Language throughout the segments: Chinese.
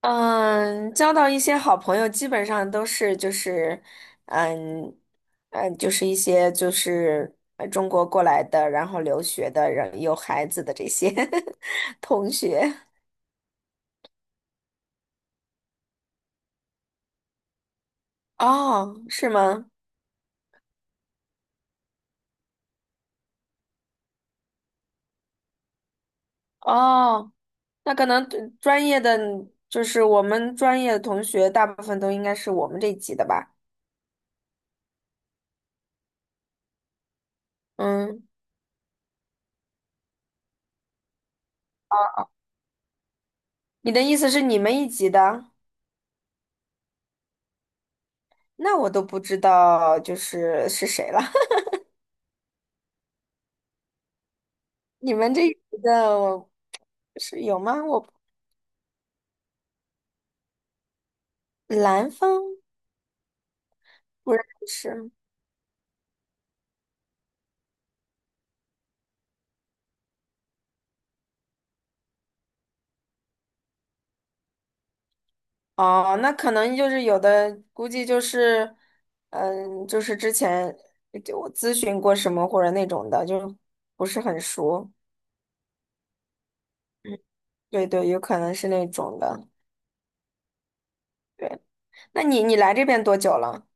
嗯，交到一些好朋友，基本上都是就是，嗯就是一些就是中国过来的，然后留学的人，有孩子的这些 同学。哦，是吗？哦，那可能对专业的，就是我们专业的同学，大部分都应该是我们这一级的吧？嗯，你的意思是你们一级的？那我都不知道就是是谁了。你们这里的我是有吗？我兰方不认识。哦，那可能就是有的，估计就是，就是之前就我咨询过什么或者那种的，就不是很熟。嗯，对对，有可能是那种的。对，那你来这边多久了？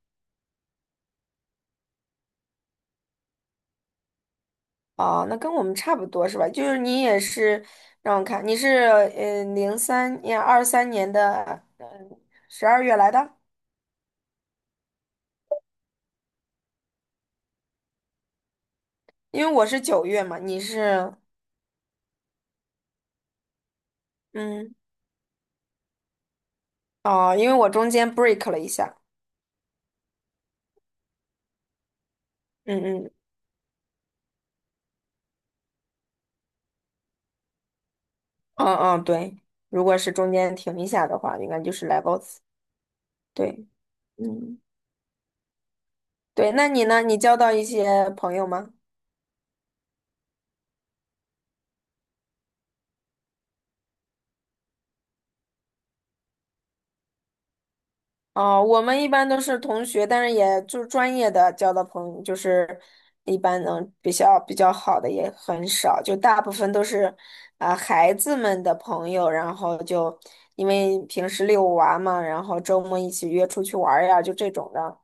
哦，那跟我们差不多是吧？就是你也是，让我看，你是零三年二三年的12月来的。因为我是九月嘛，你是嗯。哦，因为我中间 break 了一下，嗯嗯嗯嗯，对，如果是中间停一下的话，应该就是 levels，对，嗯对，那你呢？你交到一些朋友吗？哦，我们一般都是同学，但是也就是专业的交的朋友，就是一般能比较好的也很少，就大部分都是孩子们的朋友，然后就因为平时遛娃嘛，然后周末一起约出去玩儿呀，就这种的。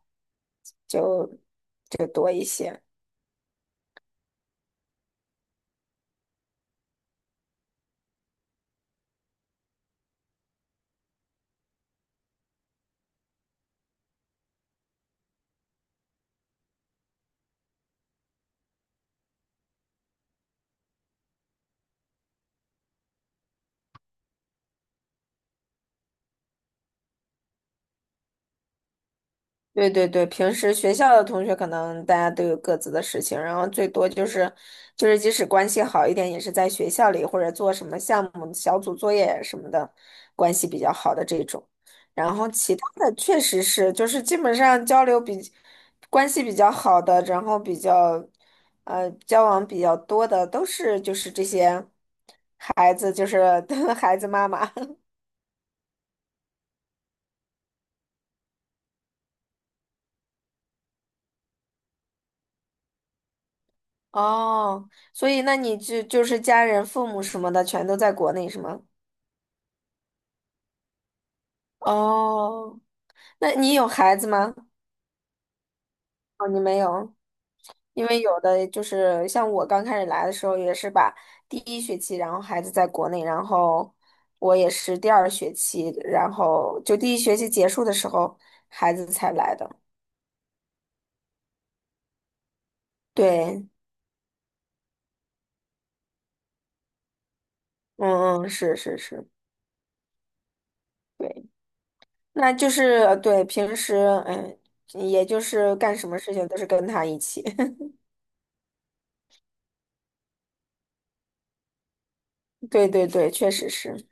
对对对，平时学校的同学可能大家都有各自的事情，然后最多就是，即使关系好一点，也是在学校里或者做什么项目、小组作业什么的，关系比较好的这种。然后其他的确实是，就是基本上交流比关系比较好的，然后比较交往比较多的，都是就是这些孩子，就是 孩子妈妈。哦，所以那你就是家人、父母什么的全都在国内是吗？哦，那你有孩子吗？哦，你没有，因为有的就是像我刚开始来的时候，也是把第一学期，然后孩子在国内，然后我也是第二学期，然后就第一学期结束的时候，孩子才来的。对，嗯嗯，是是是，对，那就是对平时，嗯，也就是干什么事情都是跟他一起。对对对，确实是，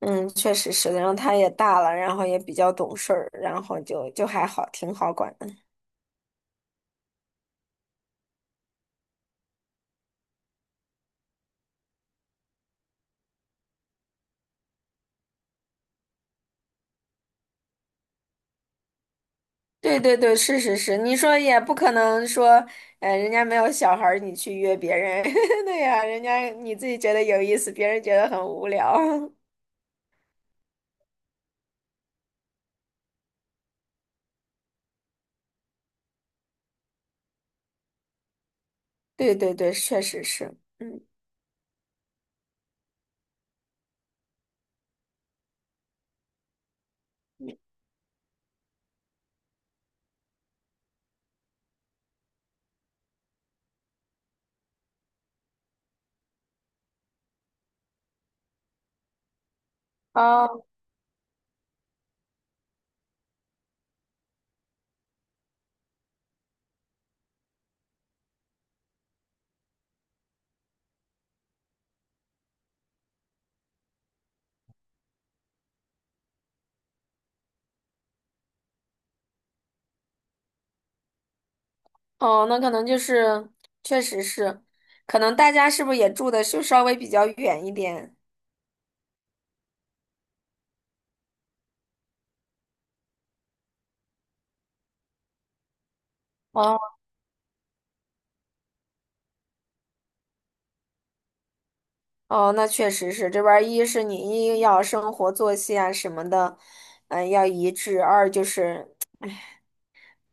嗯，确实是然后他也大了，然后也比较懂事儿，然后就还好，挺好管的。对对对，是是是，你说也不可能说，人家没有小孩儿，你去约别人，对呀、人家你自己觉得有意思，别人觉得很无聊。对对对，确实是，嗯。哦哦，那可能就是，确实是，可能大家是不是也住的就稍微比较远一点？哦。哦，那确实是这边儿一是你一要生活作息啊什么的，嗯，要一致；二就是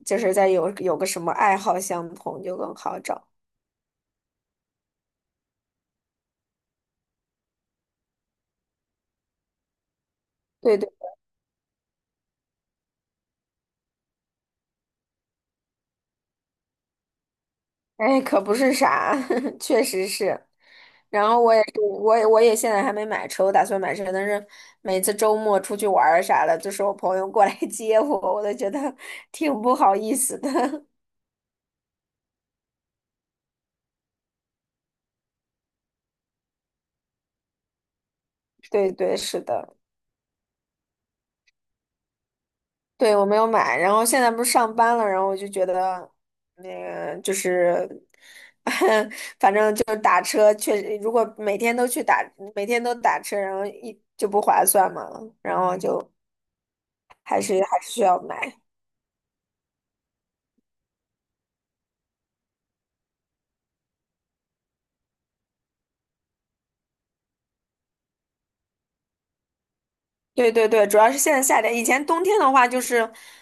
就是在有有个什么爱好相同就更好找。对对，哎，可不是啥，确实是。然后我也是，我也现在还没买车，我打算买车，但是每次周末出去玩儿啥的，就是我朋友过来 接我，我都觉得挺不好意思的。对对，是的。对，我没有买，然后现在不是上班了，然后我就觉得那个就是，反正就是打车，确实如果每天都打车，然后一就不划算嘛，然后就还是需要买。对对对，主要是现在夏天，以前冬天的话就是，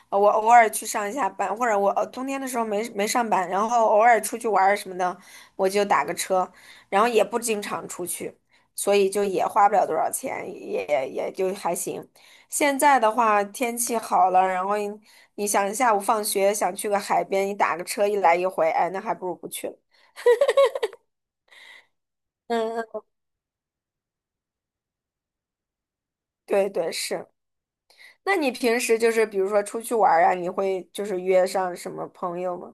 我偶尔去上一下班，或者我冬天的时候没上班，然后偶尔出去玩儿什么的，我就打个车，然后也不经常出去，所以就也花不了多少钱，也也就还行。现在的话天气好了，然后你想下午放学想去个海边，你打个车一来一回，哎，那还不如不去了。嗯嗯，对对是。那你平时就是比如说出去玩儿啊，你会就是约上什么朋友吗？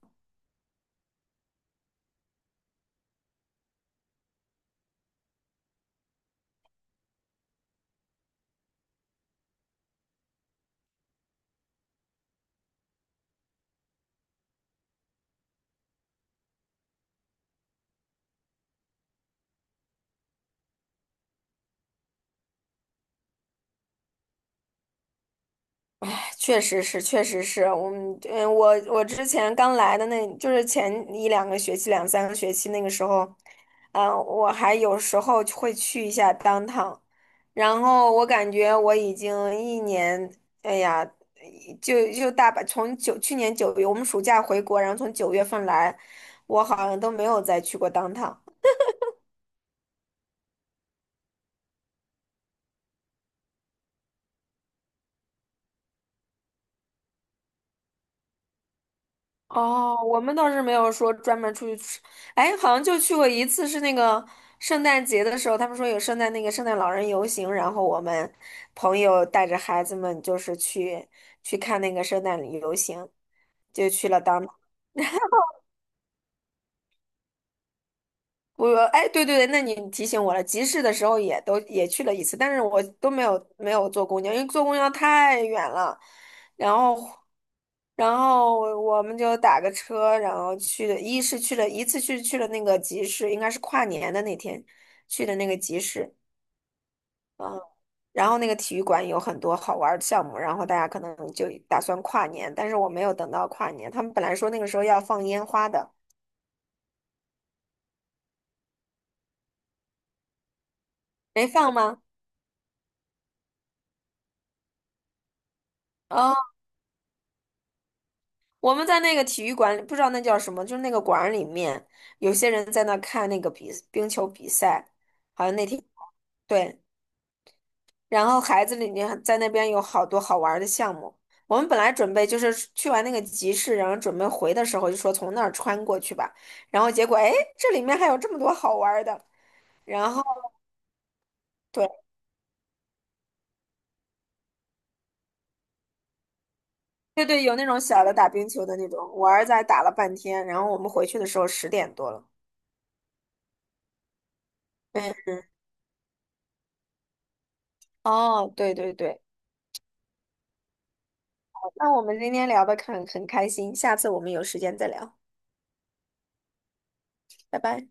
确实是，我们，我之前刚来的那，就是前一2个学期、两三个学期那个时候，嗯，我还有时候会去一下当趟，然后我感觉我已经一年，哎呀，就大把，从去年九月，我们暑假回国，然后从9月份来，我好像都没有再去过当趟。哦，我们倒是没有说专门出去吃，哎，好像就去过一次，是那个圣诞节的时候，他们说有圣诞老人游行，然后我们朋友带着孩子们就是去看那个圣诞游行，就去了当。我说，哎，对对对，那你提醒我了。集市的时候也都去了一次，但是我都没有坐公交，因为坐公交太远了。然后，然后我们就打个车，然后去的，一是去了一次去了那个集市，应该是跨年的那天去的那个集市，啊。然后那个体育馆有很多好玩儿的项目，然后大家可能就打算跨年，但是我没有等到跨年，他们本来说那个时候要放烟花的，没放吗？啊。我们在那个体育馆里，不知道那叫什么，就是那个馆儿里面，有些人在那看那个冰球比赛，好像那天对，然后孩子里面在那边有好多好玩儿的项目。我们本来准备就是去完那个集市，然后准备回的时候就说从那儿穿过去吧，然后结果哎，诶这里面还有这么多好玩儿的。然后对对对，有那种小的打冰球的那种，我儿子还打了半天，然后我们回去的时候10点多了。嗯嗯，哦，对对对。那我们今天聊得很开心，下次我们有时间再聊，拜拜。